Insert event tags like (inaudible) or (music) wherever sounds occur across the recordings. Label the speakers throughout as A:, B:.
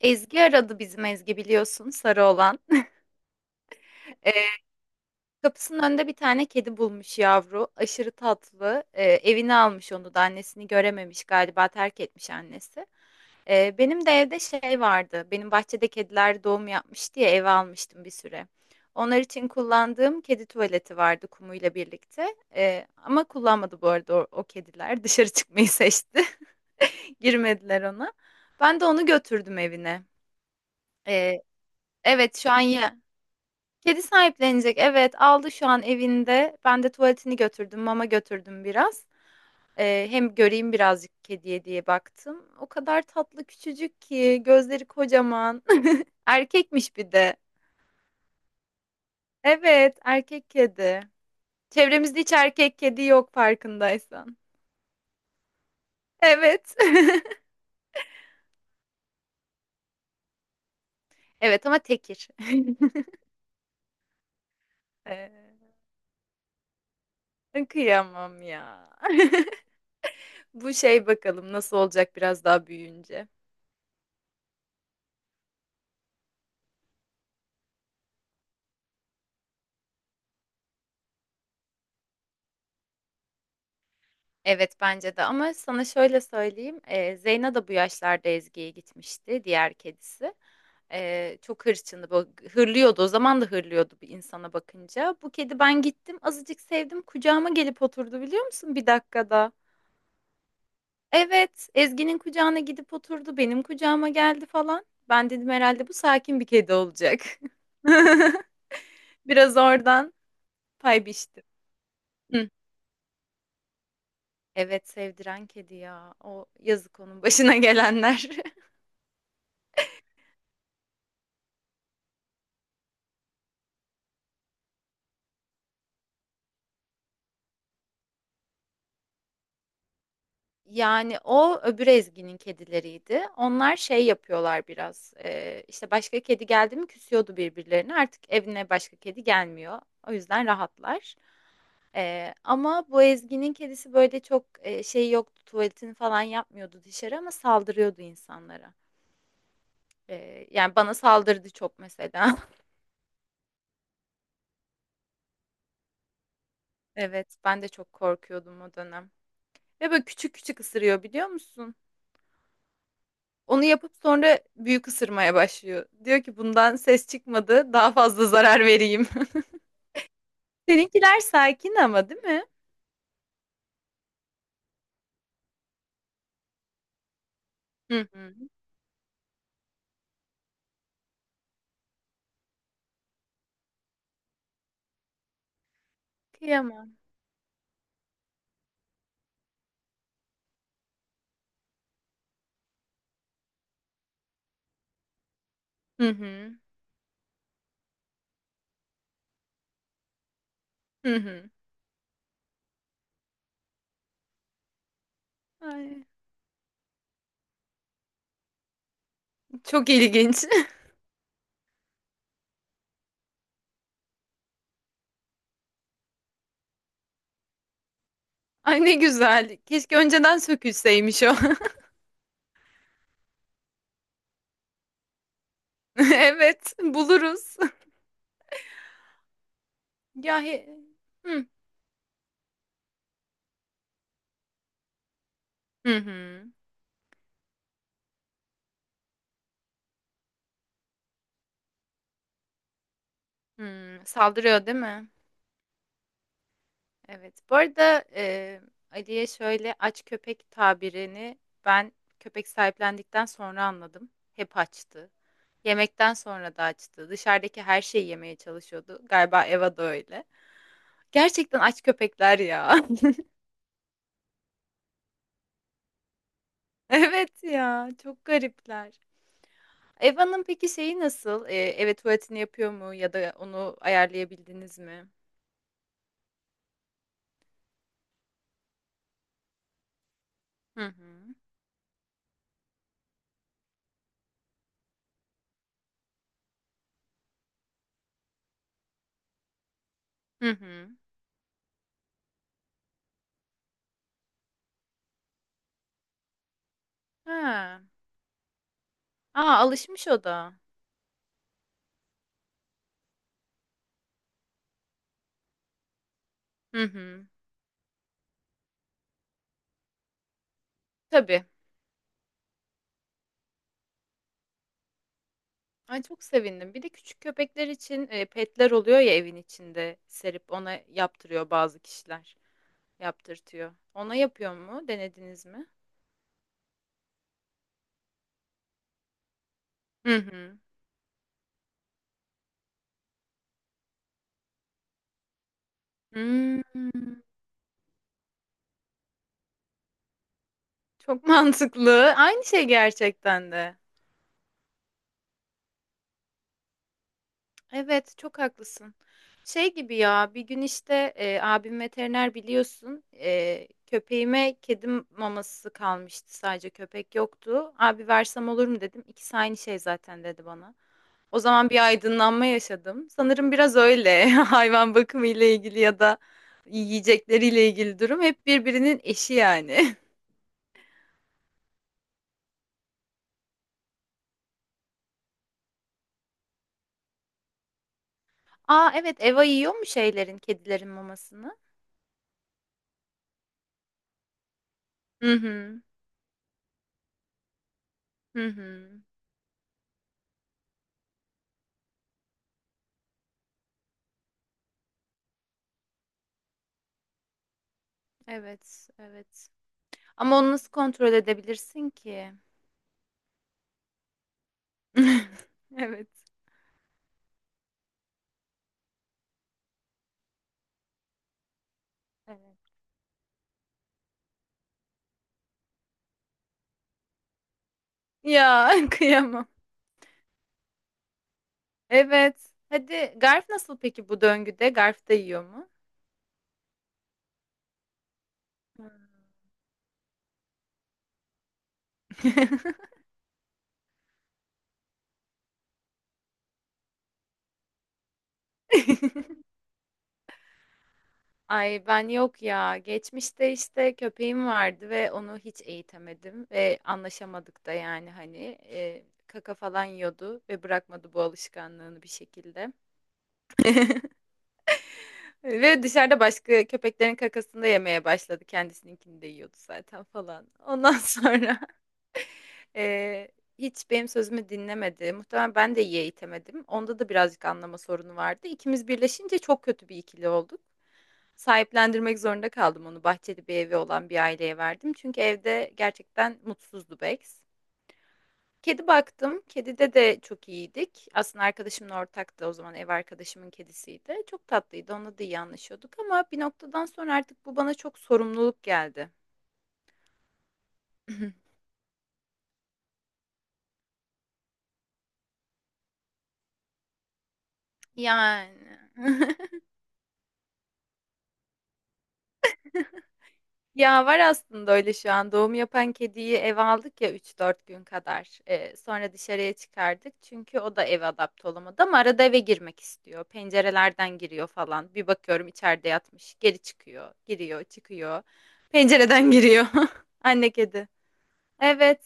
A: Ezgi aradı bizim Ezgi biliyorsun sarı olan. (laughs) Ee, Kapısının önünde bir tane kedi bulmuş yavru. Aşırı tatlı. Evine almış onu da annesini görememiş galiba terk etmiş annesi. Benim de evde şey vardı. Benim bahçede kediler doğum yapmış diye eve almıştım bir süre. Onlar için kullandığım kedi tuvaleti vardı kumuyla birlikte. Ama kullanmadı bu arada o kediler. (laughs) Dışarı çıkmayı seçti. (laughs) Girmediler ona. Ben de onu götürdüm evine. Ee, evet şu an ya. Kedi sahiplenecek. Evet, aldı şu an evinde. Ben de tuvaletini götürdüm, mama götürdüm biraz. Hem göreyim birazcık kediye diye baktım. O kadar tatlı küçücük ki, gözleri kocaman. (laughs) Erkekmiş bir de. Evet, erkek kedi. Çevremizde hiç erkek kedi yok farkındaysan. Evet. (laughs) Evet ama tekir. (laughs) Ee, kıyamam ya. (laughs) Bu şey bakalım nasıl olacak biraz daha büyüyünce. Evet, bence de ama sana şöyle söyleyeyim, Zeyna da bu yaşlarda Ezgi'ye gitmişti, diğer kedisi. Çok hırçındı, hırlıyordu, o zaman da hırlıyordu bir insana bakınca. Bu kedi ben gittim, azıcık sevdim, kucağıma gelip oturdu biliyor musun bir dakikada. Evet, Ezgi'nin kucağına gidip oturdu, benim kucağıma geldi falan. Ben dedim herhalde bu sakin bir kedi olacak. (laughs) Biraz oradan pay biçtim. Hı. Evet, sevdiren kedi ya, o yazık onun başına gelenler. (laughs) Yani o öbür Ezgi'nin kedileriydi. Onlar şey yapıyorlar biraz. İşte başka kedi geldi mi küsüyordu birbirlerine. Artık evine başka kedi gelmiyor. O yüzden rahatlar. Ama bu Ezgi'nin kedisi böyle çok şey yoktu. Tuvaletini falan yapmıyordu dışarı ama saldırıyordu insanlara. Yani bana saldırdı çok mesela. (laughs) Evet, ben de çok korkuyordum o dönem. Ve böyle küçük küçük ısırıyor biliyor musun? Onu yapıp sonra büyük ısırmaya başlıyor. Diyor ki bundan ses çıkmadı, daha fazla zarar vereyim. (laughs) Seninkiler sakin ama değil mi? Hı hı. Kıyamam. Hı hı. Hı hı. Ay, çok ilginç. (laughs) Ay ne güzel. Keşke önceden sökülseymiş o. (laughs) Evet, buluruz. (laughs) Ya he- Hı hı. hı. Hı, saldırıyor değil mi? Evet. Bu arada, Ali'ye şöyle aç köpek tabirini ben köpek sahiplendikten sonra anladım. Hep açtı. Yemekten sonra da açtı. Dışarıdaki her şeyi yemeye çalışıyordu. Galiba Eva da öyle. Gerçekten aç köpekler ya. (laughs) Evet ya, çok garipler. Eva'nın peki şeyi nasıl? Eve tuvaletini yapıyor mu ya da onu ayarlayabildiniz mi? Hı hı. Hı hı. Ha. Aa, alışmış o da. Hı hı. Tabii. Ay, çok sevindim. Bir de küçük köpekler için petler oluyor ya evin içinde serip ona yaptırıyor bazı kişiler. Yaptırtıyor. Ona yapıyor mu? Denediniz mi? Hı hı. Hmm, çok (laughs) mantıklı. Aynı şey gerçekten de. Evet, çok haklısın. Şey gibi ya, bir gün işte abim veteriner biliyorsun. E, köpeğime kedim maması kalmıştı sadece köpek yoktu. Abi versem olur mu dedim. İkisi aynı şey zaten dedi bana. O zaman bir aydınlanma yaşadım. Sanırım biraz öyle (laughs) hayvan bakımı ile ilgili ya da yiyecekleriyle ilgili durum hep birbirinin eşi yani. (laughs) Aa evet Eva yiyor mu şeylerin, kedilerin mamasını? Hı hı. Hı hı. Evet, evet. Ama onu nasıl kontrol edebilirsin ki? (laughs) Evet. Evet. Ya (laughs) kıyamam. Evet. Hadi Garf nasıl peki bu döngüde? Garf da yiyor mu? (laughs) Ay ben yok ya. Geçmişte işte köpeğim vardı ve onu hiç eğitemedim ve anlaşamadık da yani hani kaka falan yiyordu ve bırakmadı bu alışkanlığını bir şekilde. Ve dışarıda başka köpeklerin kakasını da yemeye başladı. Kendisininkini de yiyordu zaten falan. Ondan sonra (laughs) Eee, hiç benim sözümü dinlemedi. Muhtemelen ben de iyi eğitemedim. Onda da birazcık anlama sorunu vardı. İkimiz birleşince çok kötü bir ikili olduk. Sahiplendirmek zorunda kaldım onu. Bahçeli bir evi olan bir aileye verdim. Çünkü evde gerçekten mutsuzdu Bex. Kedi baktım. Kedide de çok iyiydik. Aslında arkadaşımın ortaktı. O zaman ev arkadaşımın kedisiydi. Çok tatlıydı. Onunla da iyi anlaşıyorduk. Ama bir noktadan sonra artık bu bana çok sorumluluk geldi. (clears throat) Yani. (laughs) Ya var aslında öyle şu an. Doğum yapan kediyi eve aldık ya üç dört gün kadar. Sonra dışarıya çıkardık. Çünkü o da eve adapte olamadı ama arada eve girmek istiyor. Pencerelerden giriyor falan. Bir bakıyorum içeride yatmış. Geri çıkıyor. Giriyor, çıkıyor. Pencereden giriyor. (laughs) Anne kedi. Evet.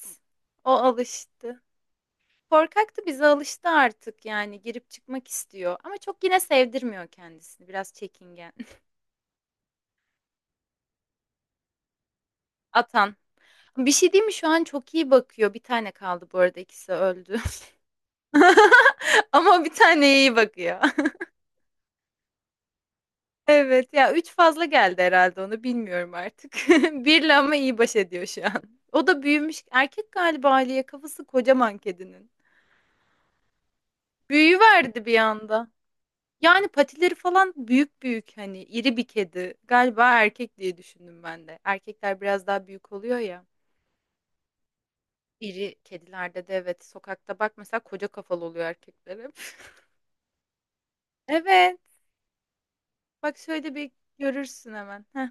A: O alıştı. Korkaktı bize alıştı artık yani girip çıkmak istiyor. Ama çok yine sevdirmiyor kendisini. Biraz çekingen. (laughs) Atan. Bir şey diyeyim mi? Şu an çok iyi bakıyor. Bir tane kaldı bu arada ikisi öldü. (laughs) Ama bir tane iyi bakıyor. (laughs) Evet ya 3 fazla geldi herhalde onu bilmiyorum artık. (laughs) Birle ama iyi baş ediyor şu an. O da büyümüş. Erkek galiba Aliye kafası kocaman kedinin. Büyüverdi bir anda. Yani patileri falan büyük büyük hani iri bir kedi. Galiba erkek diye düşündüm ben de. Erkekler biraz daha büyük oluyor ya. İri kedilerde de evet sokakta bak mesela koca kafalı oluyor erkekler hep. (laughs) Evet. Bak şöyle bir görürsün hemen. Heh.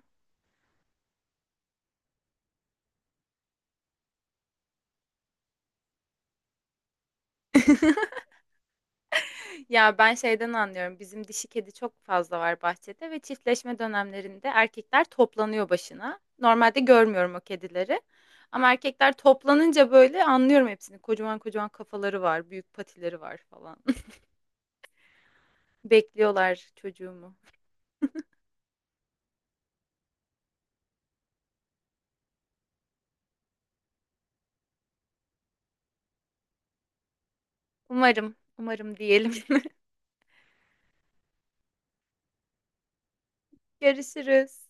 A: Ya ben şeyden anlıyorum. Bizim dişi kedi çok fazla var bahçede ve çiftleşme dönemlerinde erkekler toplanıyor başına. Normalde görmüyorum o kedileri. Ama erkekler toplanınca böyle anlıyorum hepsini. Kocaman kocaman kafaları var, büyük patileri var falan. (laughs) Bekliyorlar çocuğumu. Umarım, umarım diyelim. (laughs) Görüşürüz.